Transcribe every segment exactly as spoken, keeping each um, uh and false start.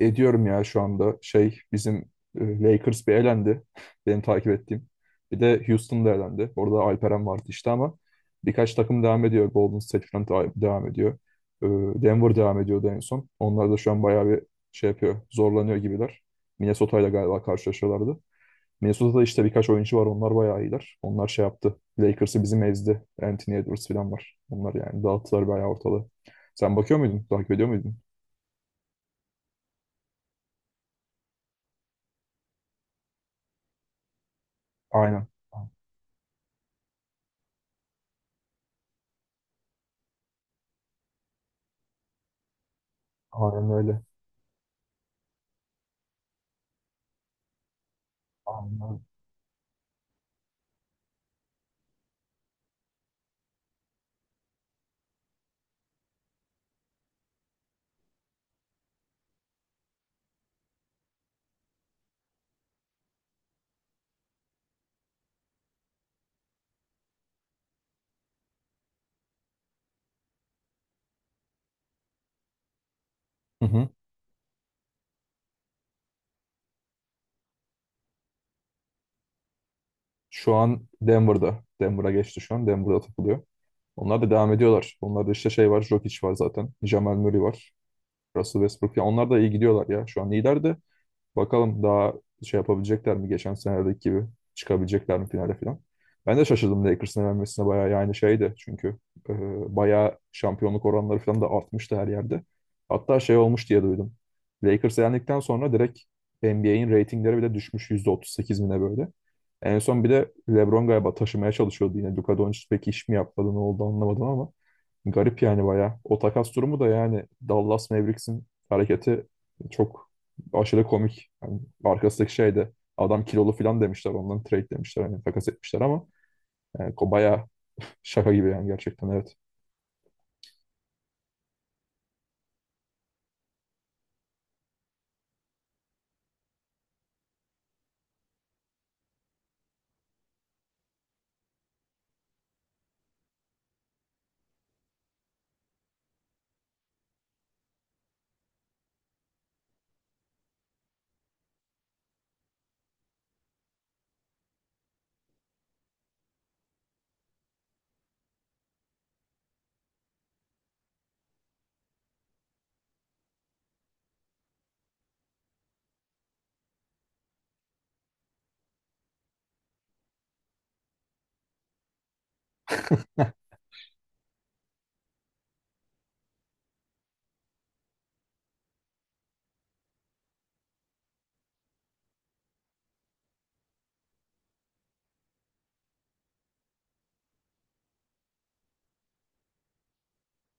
Ediyorum ya şu anda. Şey bizim e, Lakers bir elendi. Benim takip ettiğim. Bir de Houston da elendi. Orada Alperen vardı işte ama birkaç takım devam ediyor. Golden State falan da- devam ediyor. E, Denver devam ediyordu en son. Onlar da şu an bayağı bir şey yapıyor. Zorlanıyor gibiler. Minnesota ile galiba karşılaşıyorlardı. Minnesota'da işte birkaç oyuncu var. Onlar bayağı iyiler. Onlar şey yaptı. Lakers'ı bizim ezdi. Anthony Edwards falan var. Onlar yani dağıttılar bayağı ortalığı. Sen bakıyor muydun? Takip ediyor muydun? Aynen. Aynen öyle. Anladım. Hı hı. Şu an Denver'da. Denver'a geçti şu an. Denver'da takılıyor. Onlar da devam ediyorlar. Onlarda işte şey var. Jokic var zaten. Jamal Murray var. Russell Westbrook. Ya onlar da iyi gidiyorlar ya. Şu an liderdi. Bakalım daha şey yapabilecekler mi, geçen senedeki gibi çıkabilecekler mi finale falan. Ben de şaşırdım Lakers'ın elenmesine bayağı, yani şeydi çünkü e, bayağı şampiyonluk oranları falan da artmıştı her yerde. Hatta şey olmuş diye duydum. Lakers elendikten sonra direkt N B A'in reytingleri bile düşmüş yüzde otuz sekiz bine böyle. En son bir de LeBron galiba taşımaya çalışıyordu yine. Luka Doncic pek iş mi yapmadı, ne oldu anlamadım ama garip yani bayağı. O takas durumu da, yani Dallas Mavericks'in hareketi çok aşırı komik. Yani arkasındaki şey de, adam kilolu falan demişler. Ondan trade demişler. Hani takas etmişler ama yani, ko- bayağı şaka gibi yani, gerçekten evet.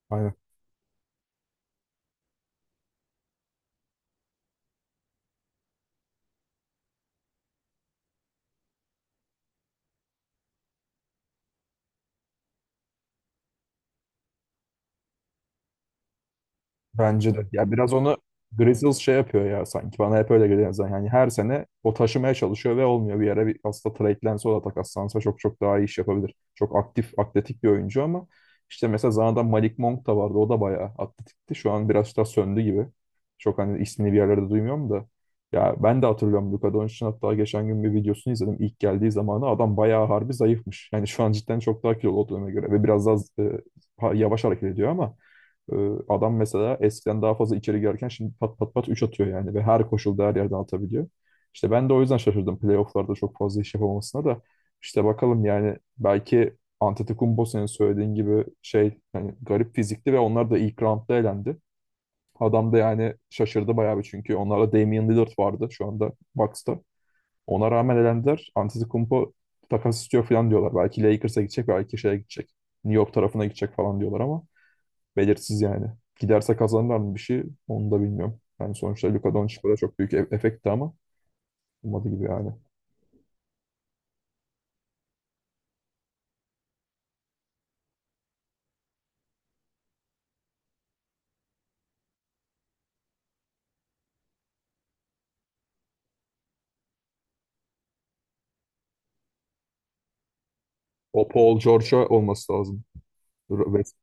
Aynen. Bence de. Ya biraz onu Grizzlies şey yapıyor ya sanki. Bana hep öyle geliyor zaten. Yani her sene o taşımaya çalışıyor ve olmuyor. Bir yere bir aslında trade'lense, o da takaslansa çok çok daha iyi iş yapabilir. Çok aktif, atletik bir oyuncu ama işte mesela zamanında Malik Monk da vardı. O da bayağı atletikti. Şu an biraz daha söndü gibi. Çok hani ismini bir yerlerde duymuyorum da. Ya ben de hatırlıyorum Luka Doncic'in, hatta geçen gün bir videosunu izledim. İlk geldiği zamanı adam bayağı harbi zayıfmış. Yani şu an cidden çok daha kilolu o döneme göre ve biraz daha e, yavaş hareket ediyor ama ee, adam mesela eskiden daha fazla içeri girerken şimdi pat pat pat üç atıyor yani ve her koşulda her yerden atabiliyor. İşte ben de o yüzden şaşırdım playofflarda çok fazla iş yapamamasına da. İşte bakalım yani, belki Antetokounmpo senin söylediğin gibi şey, yani garip fizikli ve onlar da ilk roundda elendi. Adam da yani şaşırdı bayağı bir çünkü onlarda Damian Lillard vardı şu anda Bucks'ta. Ona rağmen elendiler. Antetokounmpo takas istiyor falan diyorlar. Belki Lakers'a gidecek, belki şeye gidecek. New York tarafına gidecek falan diyorlar ama belirsiz yani. Giderse kazanırlar mı bir şey, onu da bilmiyorum. Yani sonuçta Luka Doncic burada çok büyük e- efekti ama olmadı gibi yani. O Paul George'a olması lazım. Dur, West-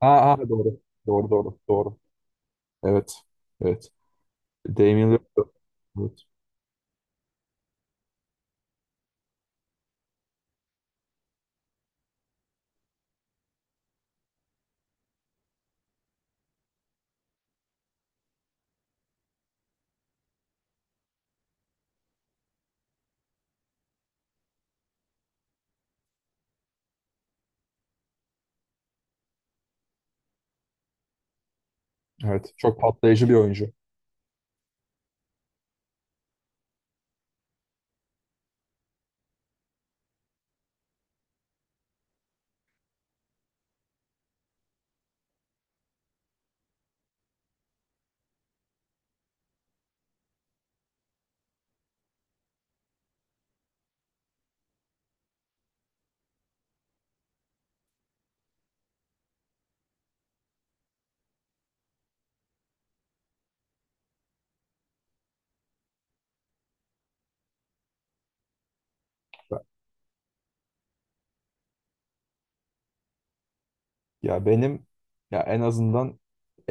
Aa, aa, doğru. Doğru doğru doğru. Evet. Evet. Damian Lillard. Evet. Evet. Çok patlayıcı bir oyuncu. Ya benim, ya en azından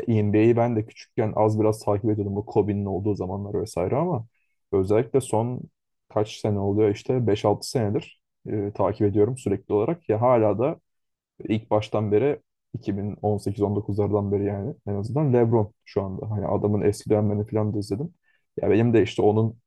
N B A'yi ben de küçükken az biraz takip ediyordum, bu Kobe'nin olduğu zamanlar vesaire ama özellikle son kaç sene oluyor işte beş altı senedir e, takip ediyorum sürekli olarak. Ya hala da ilk baştan beri iki bin on sekiz on dokuzlardan beri yani, en azından LeBron şu anda. Hani adamın eski dönemlerini falan da izledim. Ya benim de işte onun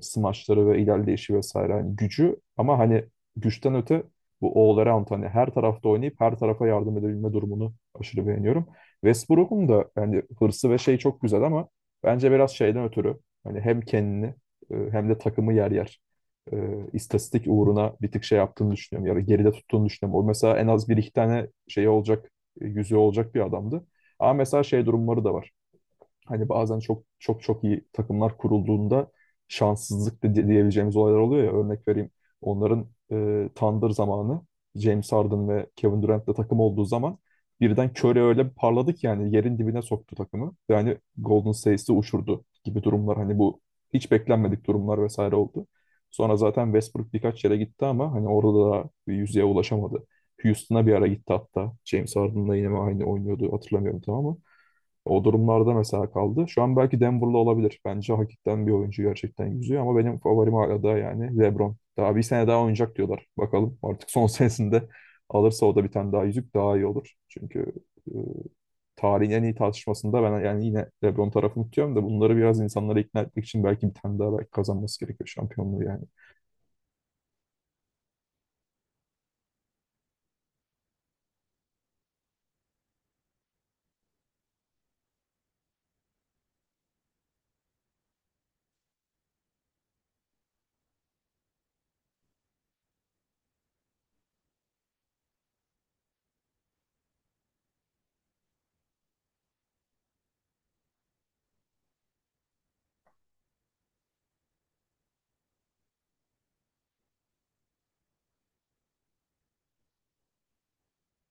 smaçları ve ilerleyişi vesaire, hani gücü ama hani güçten öte bu all-around, hani her tarafta oynayıp her tarafa yardım edebilme durumunu aşırı beğeniyorum. Westbrook'un da yani hırsı ve şey çok güzel ama bence biraz şeyden ötürü hani hem kendini, e, hem de takımı yer yer e, istatistik uğruna bir tık şey yaptığını düşünüyorum. Ya da geride tuttuğunu düşünüyorum. O mesela en az bir iki tane şey olacak, e, yüzüğü olacak bir adamdı. Ama mesela şey durumları da var. Hani bazen çok çok çok iyi takımlar kurulduğunda şanssızlık da diye- diyebileceğimiz olaylar oluyor ya. Örnek vereyim. Onların e, Thunder zamanı, James Harden ve Kevin Durant'la takım olduğu zaman birden Curry öyle bir parladı ki yani, yerin dibine soktu takımı. Yani Golden State'i uçurdu gibi durumlar. Hani bu hiç beklenmedik durumlar vesaire oldu. Sonra zaten Westbrook birkaç yere gitti ama hani orada da bir yüzeye ulaşamadı. Houston'a bir ara gitti hatta. James Harden'la yine mi aynı oynuyordu hatırlamıyorum, tamam mı? O durumlarda mesela kaldı. Şu an belki Denver'lı olabilir. Bence hakikaten bir oyuncu gerçekten yüzüyor ama benim favorim hala da yani LeBron. Daha bir sene daha oynayacak diyorlar. Bakalım artık son senesinde alırsa, o da bir tane daha yüzük daha iyi olur. Çünkü e, tarihin en iyi tartışmasında ben yani yine LeBron tarafını tutuyorum da bunları biraz insanlara ikna etmek için belki bir tane daha, belki kazanması gerekiyor şampiyonluğu yani.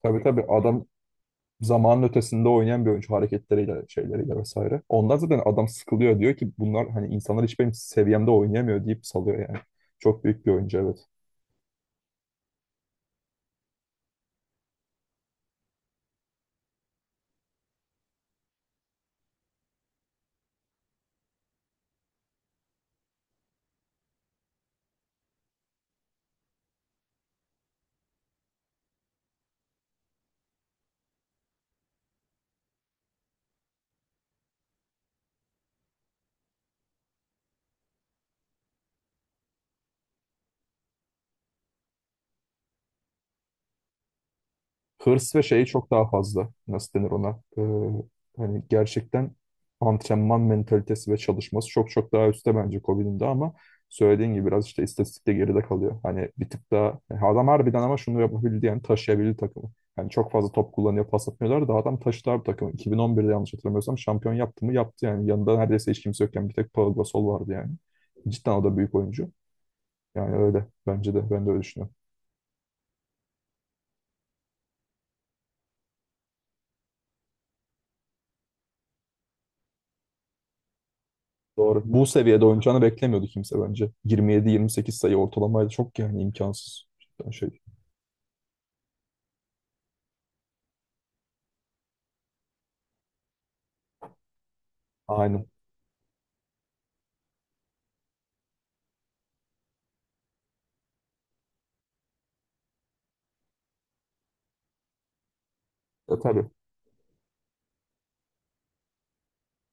Tabii tabii, adam zamanın ötesinde oynayan bir oyuncu hareketleriyle, şeyleriyle vesaire. Ondan zaten adam sıkılıyor, diyor ki bunlar hani, insanlar hiç benim seviyemde oynayamıyor deyip salıyor yani. Çok büyük bir oyuncu evet. Hırs ve şeyi çok daha fazla. Nasıl denir ona? Ee, hani gerçekten antrenman mentalitesi ve çalışması çok çok daha üstte bence Kobe'nin de ama söylediğin gibi biraz işte istatistikte geride kalıyor. Hani bir tık daha, yani adam harbiden ama şunu yapabildi yani, taşıyabildi takımı. Yani çok fazla top kullanıyor, pas atmıyorlar da adam taşıdı abi takımı. iki bin on birde yanlış hatırlamıyorsam şampiyon yaptı mı? Yaptı yani. Yanında neredeyse hiç kimse yokken bir tek Paul Gasol vardı yani. Cidden o da büyük oyuncu. Yani öyle. Bence de. Ben de öyle düşünüyorum. Doğru. Bu seviyede oynayacağını beklemiyordu kimse bence. yirmi yediye yirmi sekiz sayı ortalamaydı. Çok yani imkansız. Cidden şey. Aynen. E, tabii.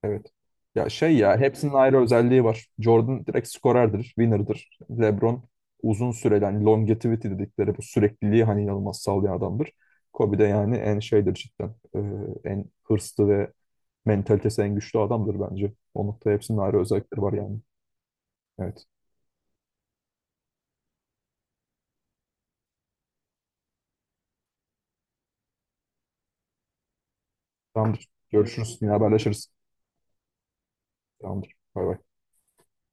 Evet. Ya şey, ya hepsinin ayrı özelliği var. Jordan direkt skorerdir, winner'dır. LeBron uzun süreli, hani longevity dedikleri bu sürekliliği hani inanılmaz sağlayan adamdır. Kobe de yani en şeydir cidden. E, en hırslı ve mentalitesi en güçlü adamdır bence. O noktada hepsinin ayrı özellikleri var yani. Evet. Tamamdır. Görüşürüz. Yine haberleşiriz. Tamamdır. Bay bay.